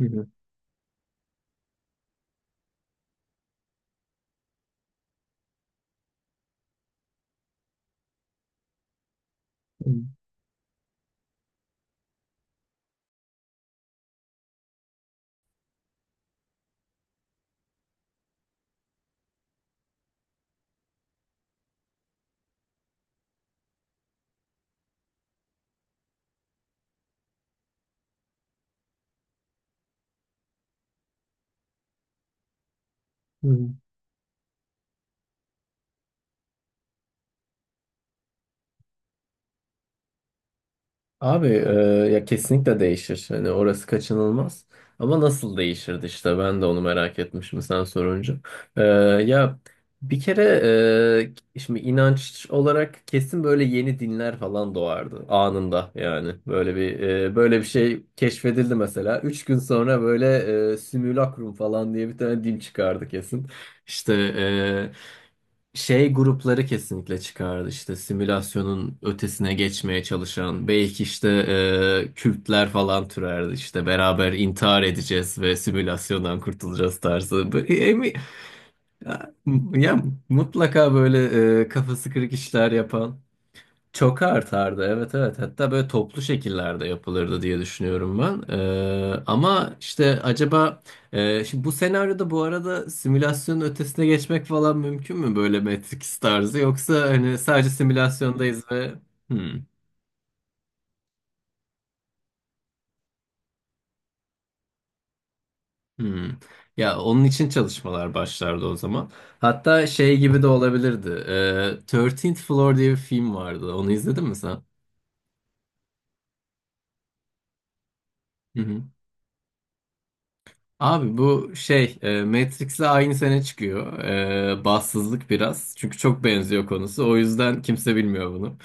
Hı hı, hı hı. Abi, ya kesinlikle değişir. Hani orası kaçınılmaz. Ama nasıl değişirdi işte, ben de onu merak etmişim sen sorunca. E, Ya bir kere şimdi inanç olarak kesin böyle yeni dinler falan doğardı anında yani. Böyle bir şey keşfedildi mesela. Üç gün sonra böyle simülakrum falan diye bir tane din çıkardı kesin. İşte şey grupları kesinlikle çıkardı işte, simülasyonun ötesine geçmeye çalışan, belki işte kültler falan türerdi işte, beraber intihar edeceğiz ve simülasyondan kurtulacağız tarzı. Ya, ya mutlaka böyle kafası kırık işler yapan. Çok artardı, evet, evet, hatta böyle toplu şekillerde yapılırdı diye düşünüyorum ben. Ama işte acaba şimdi bu senaryoda, bu arada, simülasyonun ötesine geçmek falan mümkün mü böyle Matrix tarzı, yoksa hani sadece simülasyondayız ve hmm, hmm. Ya onun için çalışmalar başlardı o zaman. Hatta şey gibi de olabilirdi, 13th Floor diye bir film vardı, onu izledin mi sen? Abi bu şey Matrix'le aynı sene çıkıyor. Bahtsızlık biraz. Çünkü çok benziyor konusu. O yüzden kimse bilmiyor bunu.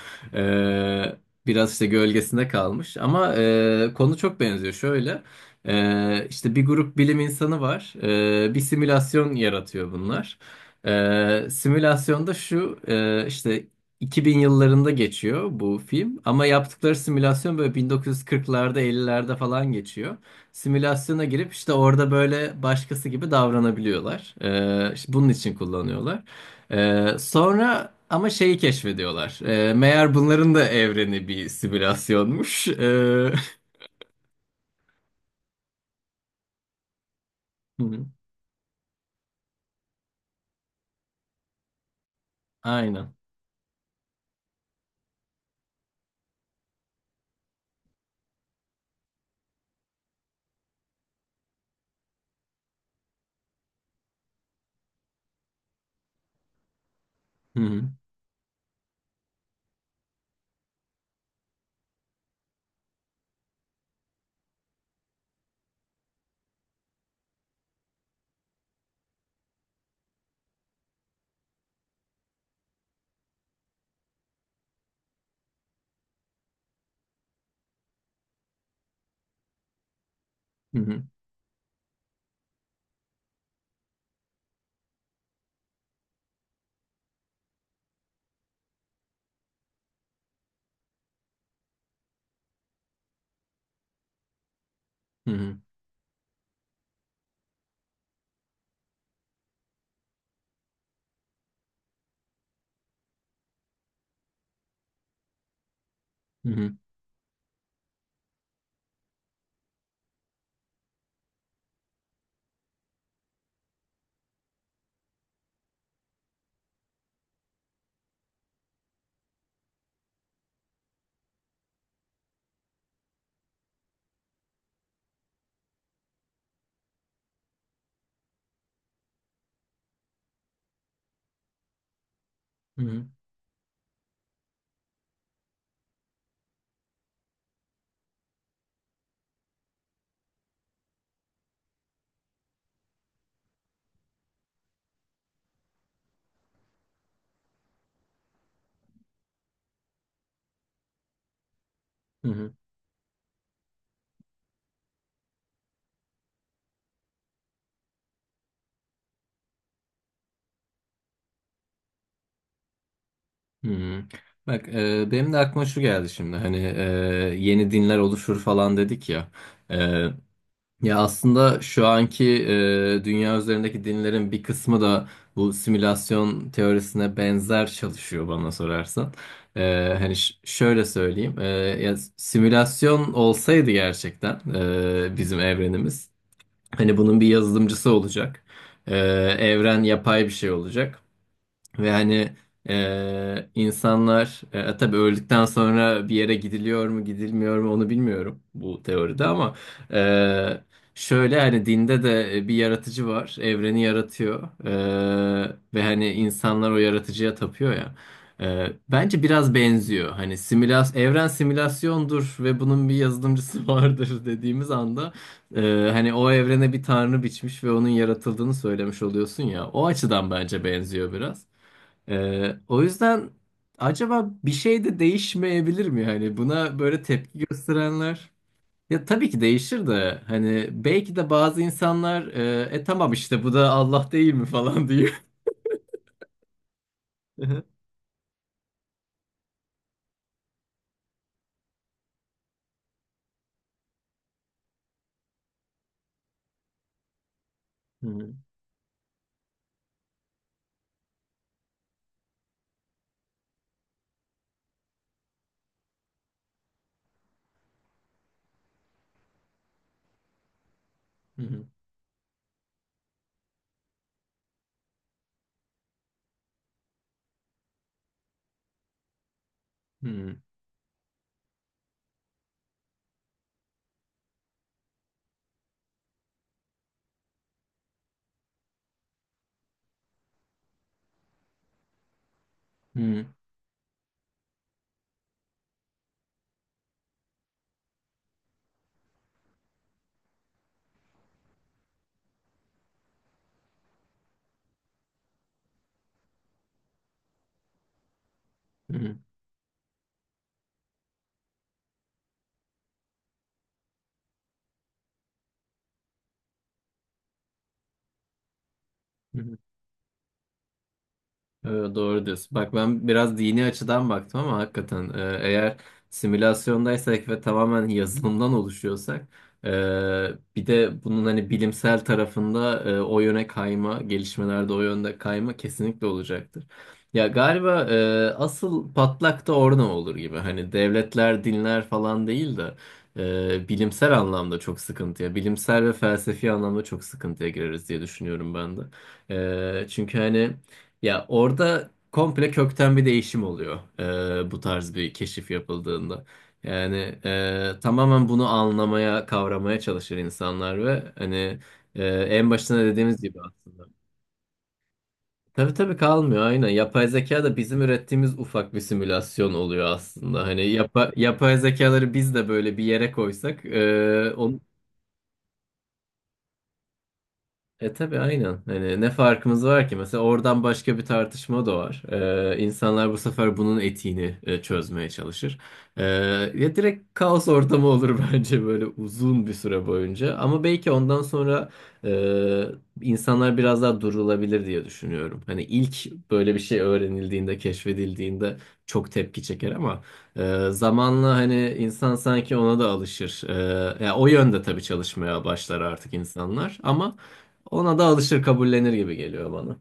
E, Biraz işte gölgesinde kalmış. Ama konu çok benziyor. Şöyle işte bir grup bilim insanı var. Bir simülasyon yaratıyor bunlar. Simülasyonda şu işte 2000 yıllarında geçiyor bu film. Ama yaptıkları simülasyon böyle 1940'larda, 50'lerde falan geçiyor. Simülasyona girip işte orada böyle başkası gibi davranabiliyorlar. İşte bunun için kullanıyorlar. Sonra ama şeyi keşfediyorlar. Meğer bunların da evreni bir simülasyonmuş. Hı hı, aynen. Hı hı, hı hı, hı hı, hı hı, hı hı, hı hı, hı hı. Bak benim de aklıma şu geldi şimdi, hani yeni dinler oluşur falan dedik ya. E, Ya aslında şu anki dünya üzerindeki dinlerin bir kısmı da bu simülasyon teorisine benzer çalışıyor bana sorarsan. Hani şöyle söyleyeyim, ya simülasyon olsaydı gerçekten, bizim evrenimiz, hani bunun bir yazılımcısı olacak, E, evren yapay bir şey olacak. Ve hani insanlar, tabii öldükten sonra bir yere gidiliyor mu gidilmiyor mu onu bilmiyorum bu teoride, ama e, şöyle hani dinde de bir yaratıcı var, evreni yaratıyor. Ve hani insanlar o yaratıcıya tapıyor ya. Bence biraz benziyor, hani evren simülasyondur ve bunun bir yazılımcısı vardır dediğimiz anda hani o evrene bir tanrı biçmiş ve onun yaratıldığını söylemiş oluyorsun ya, o açıdan bence benziyor biraz. O yüzden acaba bir şey de değişmeyebilir mi? Hani buna böyle tepki gösterenler. Ya tabii ki değişir de, hani belki de bazı insanlar "E, tamam işte, bu da Allah değil mi" falan diyor. Hı hı. Hı hı. Hı hı. Hı hı. Hı hı. Doğru diyorsun. Bak, ben biraz dini açıdan baktım, ama hakikaten eğer simülasyondaysak ve tamamen yazılımdan oluşuyorsak, e, bir de bunun hani bilimsel tarafında, o yöne kayma, gelişmelerde o yönde kayma kesinlikle olacaktır. Ya galiba asıl patlak da orada olur gibi. Hani devletler, dinler falan değil de bilimsel anlamda çok sıkıntıya, bilimsel ve felsefi anlamda çok sıkıntıya gireriz diye düşünüyorum ben de. Çünkü hani ya orada komple kökten bir değişim oluyor bu tarz bir keşif yapıldığında. Yani tamamen bunu anlamaya, kavramaya çalışır insanlar ve hani en başında dediğimiz gibi aslında. Tabii, tabii, kalmıyor, aynen. Yapay zeka da bizim ürettiğimiz ufak bir simülasyon oluyor aslında. Hani yapay zekaları biz de böyle bir yere koysak onu. Tabii, aynen. Hani ne farkımız var ki? Mesela oradan başka bir tartışma da var. İnsanlar bu sefer bunun etiğini çözmeye çalışır. Ee, Ya direkt kaos ortamı olur bence, böyle uzun bir süre boyunca. Ama belki ondan sonra e, insanlar biraz daha durulabilir diye düşünüyorum. Hani ilk böyle bir şey öğrenildiğinde, keşfedildiğinde çok tepki çeker, ama zamanla hani insan sanki ona da alışır. Ya o yönde tabii çalışmaya başlar artık insanlar, ama ona da alışır, kabullenir gibi geliyor bana.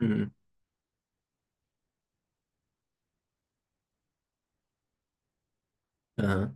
Hı hı. Aha.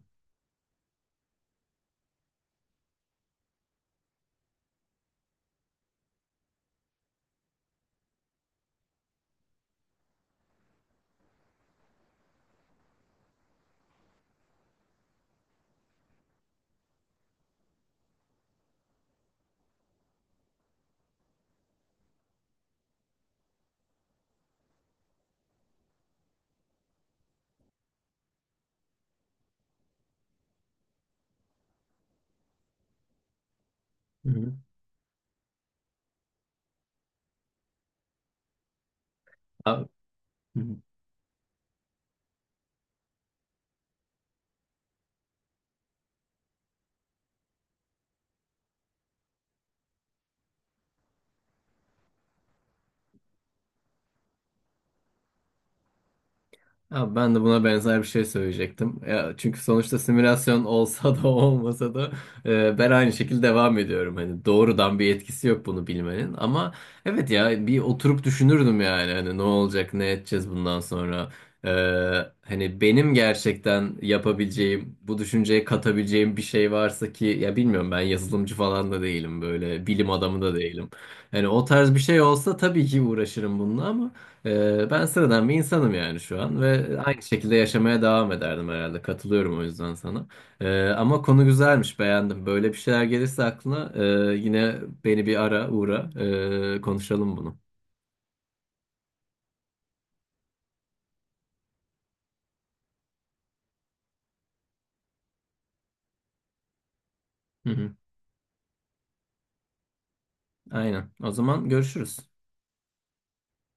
Hı hı. Abi. Hı hı. Ya ben de buna benzer bir şey söyleyecektim. Ya çünkü sonuçta simülasyon olsa da olmasa da ben aynı şekilde devam ediyorum. Hani doğrudan bir etkisi yok bunu bilmenin. Ama evet, ya bir oturup düşünürdüm yani, hani ne olacak ne edeceğiz bundan sonra. E, Hani benim gerçekten yapabileceğim, bu düşünceye katabileceğim bir şey varsa, ki ya bilmiyorum, ben yazılımcı falan da değilim, böyle bilim adamı da değilim. Hani o tarz bir şey olsa tabii ki uğraşırım bununla, ama. Ben sıradan bir insanım yani şu an, ve aynı şekilde yaşamaya devam ederdim herhalde. Katılıyorum o yüzden sana. Ama konu güzelmiş, beğendim. Böyle bir şeyler gelirse aklına yine beni bir ara uğra, konuşalım bunu. Hı hı, aynen. O zaman görüşürüz.